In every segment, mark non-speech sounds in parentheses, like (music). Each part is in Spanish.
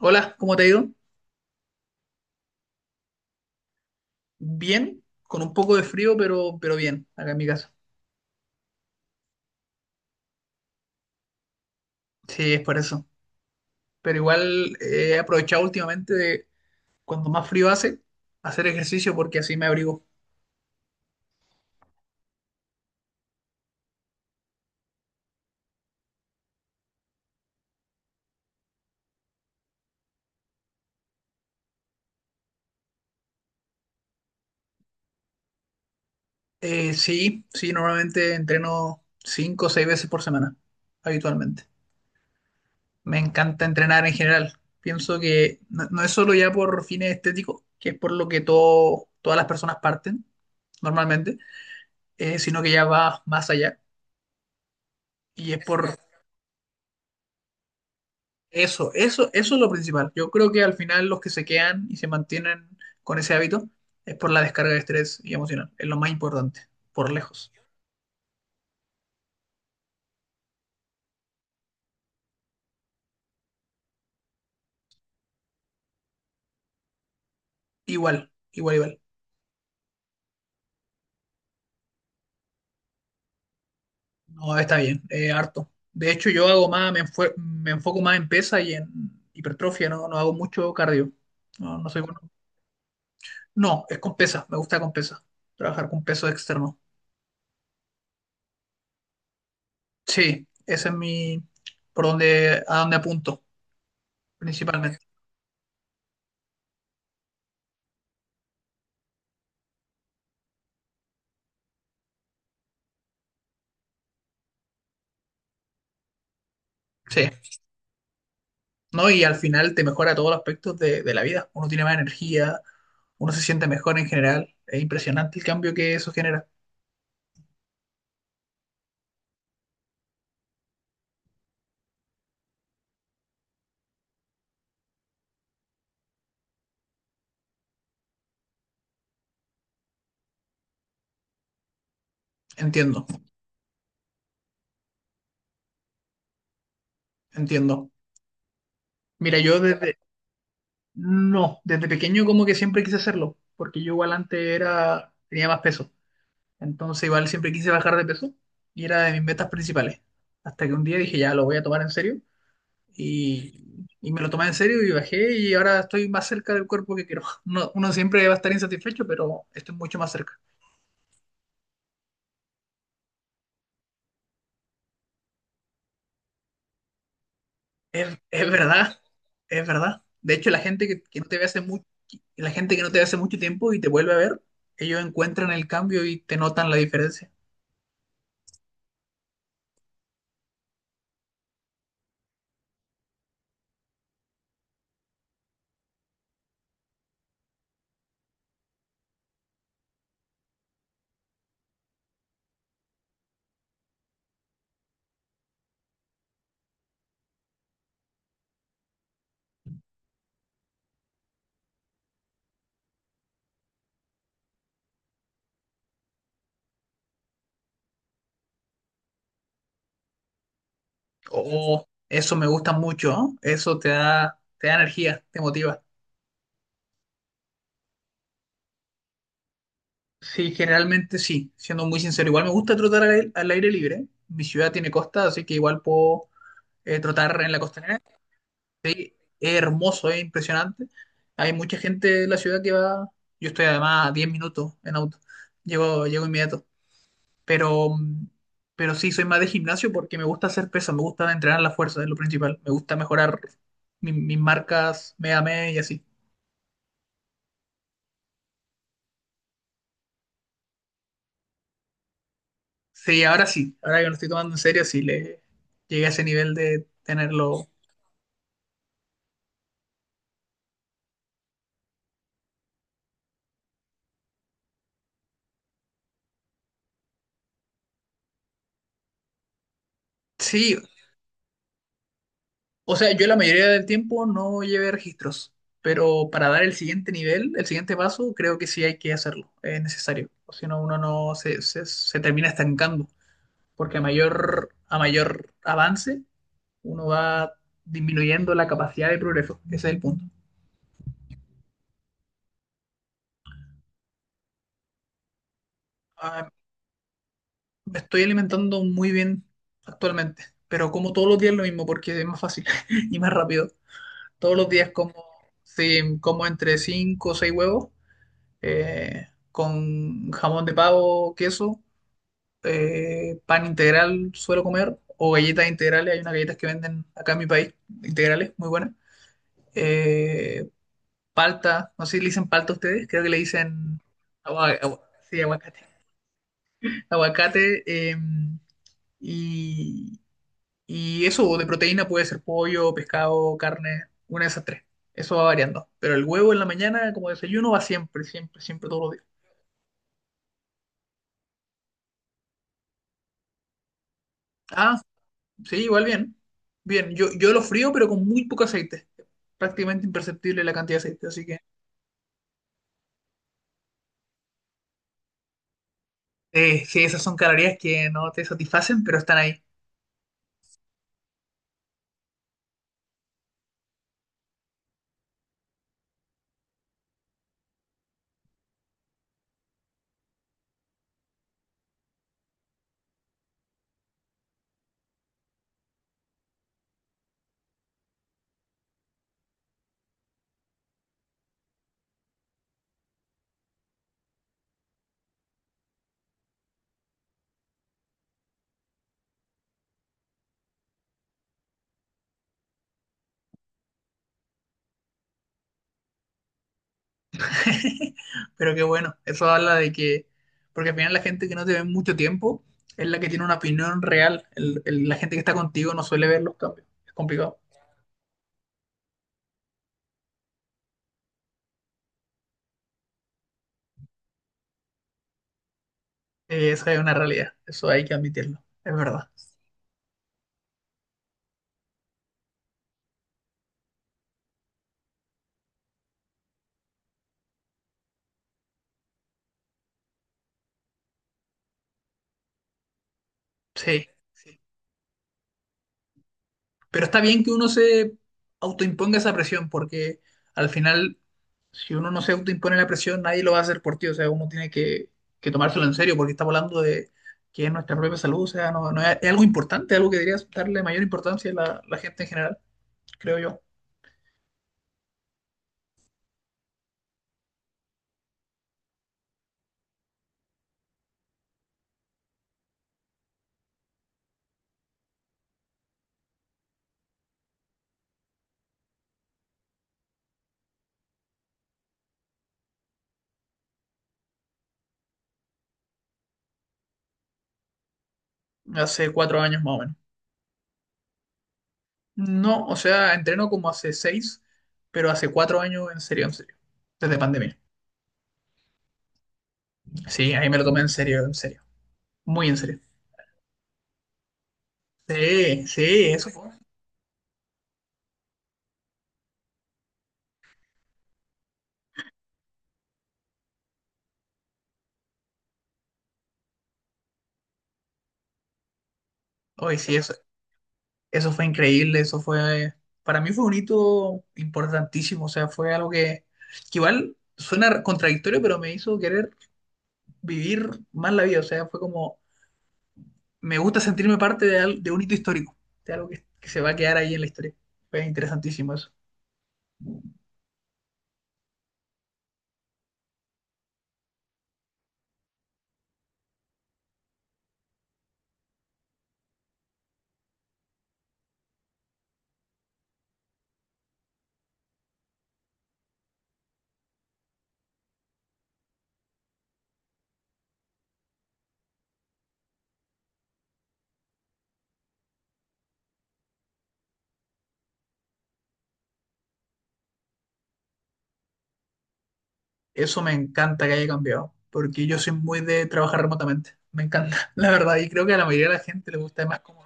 Hola, ¿cómo te ha ido? Bien, con un poco de frío, pero bien, acá en mi casa. Sí, es por eso. Pero igual he aprovechado últimamente de cuando más frío hace, hacer ejercicio porque así me abrigo. Sí, normalmente entreno 5 o 6 veces por semana, habitualmente. Me encanta entrenar en general. Pienso que no es solo ya por fines estéticos, que es por lo que todas las personas parten normalmente, sino que ya va más allá. Y es por, eso es lo principal. Yo creo que al final los que se quedan y se mantienen con ese hábito es por la descarga de estrés y emocional. Es lo más importante, por lejos. Igual, igual, igual. No, está bien, harto. De hecho, yo hago más, me enfoco más en pesa y en hipertrofia, no hago mucho cardio. No, no soy bueno. No, es con pesa, me gusta con pesa. Trabajar con peso externo. Sí, ese es mi, por donde, a donde apunto, principalmente. Sí. ¿No? Y al final te mejora todos los aspectos de la vida. Uno tiene más energía, uno se siente mejor en general. Es impresionante el cambio que eso genera. Entiendo, entiendo. Mira, yo desde, no, desde pequeño como que siempre quise hacerlo, porque yo igual antes era, tenía más peso. Entonces igual siempre quise bajar de peso y era de mis metas principales. Hasta que un día dije, ya, lo voy a tomar en serio. Y me lo tomé en serio y bajé y ahora estoy más cerca del cuerpo que quiero. (laughs) Uno siempre va a estar insatisfecho, pero estoy mucho más cerca. Es verdad, es verdad. De hecho, la gente que no te ve hace mucho, la gente que no te ve hace mucho tiempo y te vuelve a ver, ellos encuentran el cambio y te notan la diferencia. Oh, eso me gusta mucho, ¿no? Eso te da energía, te motiva. Sí, generalmente sí, siendo muy sincero. Igual me gusta trotar al aire libre. Mi ciudad tiene costa, así que igual puedo trotar en la costa. Sí, es hermoso, es impresionante. Hay mucha gente de la ciudad que va. Yo estoy además a 10 minutos en auto. Llego, llego inmediato. Pero, pero sí, soy más de gimnasio porque me gusta hacer peso, me gusta entrenar la fuerza, es lo principal. Me gusta mejorar mis marcas mes a mes y así. Sí, ahora que lo estoy tomando en serio, sí le llegué a ese nivel de tenerlo. Sí, o sea, yo la mayoría del tiempo no llevé registros, pero para dar el siguiente nivel, el siguiente paso, creo que sí hay que hacerlo, es necesario. O si no, uno no se, se, se termina estancando, porque a mayor avance, uno va disminuyendo la capacidad de progreso. Ese es el punto. Ah, me estoy alimentando muy bien actualmente, pero como todos los días lo mismo, porque es más fácil (laughs) y más rápido. Todos los días como, sí, como entre 5 o 6 huevos con jamón de pavo, queso, pan integral suelo comer, o galletas integrales, hay unas galletas que venden acá en mi país, integrales, muy buenas. Eh, palta, no sé si le dicen palta a ustedes, creo que le dicen agua- agua- sí, aguacate. Aguacate, y, y eso de proteína puede ser pollo, pescado, carne, una de esas tres. Eso va variando. Pero el huevo en la mañana como desayuno va siempre, siempre, siempre todos los días. Ah, sí, igual bien. Bien, yo lo frío, pero con muy poco aceite. Prácticamente imperceptible la cantidad de aceite, así que... sí, esas son calorías que no te satisfacen, pero están ahí. (laughs) Pero qué bueno, eso habla de que... Porque al final la gente que no te ve mucho tiempo es la que tiene una opinión real. La gente que está contigo no suele ver los cambios. Es complicado. Esa es una realidad, eso hay que admitirlo. Es verdad. Sí, sí. Pero está bien que uno se autoimponga esa presión, porque al final, si uno no se autoimpone la presión, nadie lo va a hacer por ti. O sea, que tomárselo en serio porque estamos hablando de que es nuestra propia salud. O sea, no, no es, es algo importante, algo que debería darle mayor importancia a la gente en general, creo yo. Hace cuatro años más o menos. No, o sea, entreno como hace seis, pero hace 4 años en serio, en serio. Desde pandemia. Sí, ahí me lo tomé en serio, en serio. Muy en serio. Sí, sí, eso fue. Oye, sí, eso fue increíble, para mí fue un hito importantísimo, o sea, que igual suena contradictorio, pero me hizo querer vivir más la vida, me gusta sentirme parte de, de un hito histórico, de algo que se va a quedar ahí en la historia. Fue interesantísimo eso. Eso me encanta que haya cambiado, porque yo soy muy de trabajar remotamente, me encanta, (laughs) la verdad, y creo que a la mayoría de la gente le gusta más como,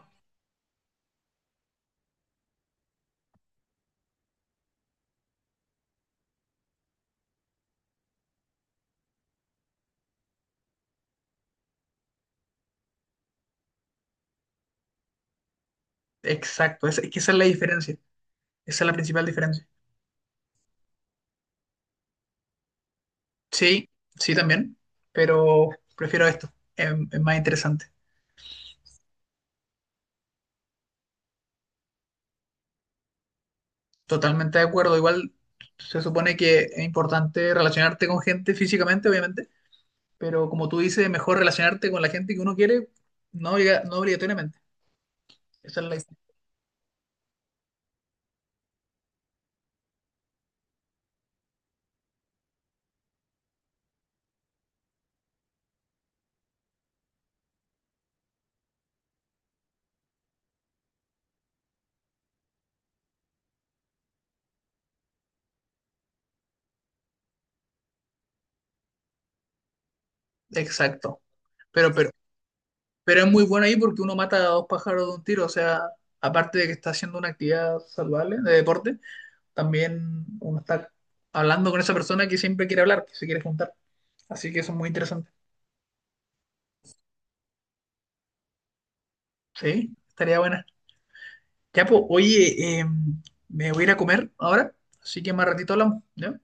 exacto, es que esa es la diferencia, esa es la principal diferencia. Sí, sí también, pero prefiero esto, es más interesante. Totalmente de acuerdo, igual se supone que es importante relacionarte con gente físicamente, obviamente, pero como tú dices, mejor relacionarte con la gente que uno quiere, no obligatoriamente. Esa es la idea. Exacto. Pero, pero, pero es muy bueno ahí porque uno mata a dos pájaros de un tiro, o sea, aparte de que está haciendo una actividad saludable de deporte, también uno está hablando con esa persona que siempre quiere hablar, que se quiere juntar. Así que eso es muy interesante. Sí, estaría buena. Ya, pues, oye, me voy a ir a comer ahora, así que más ratito hablamos, ¿ya?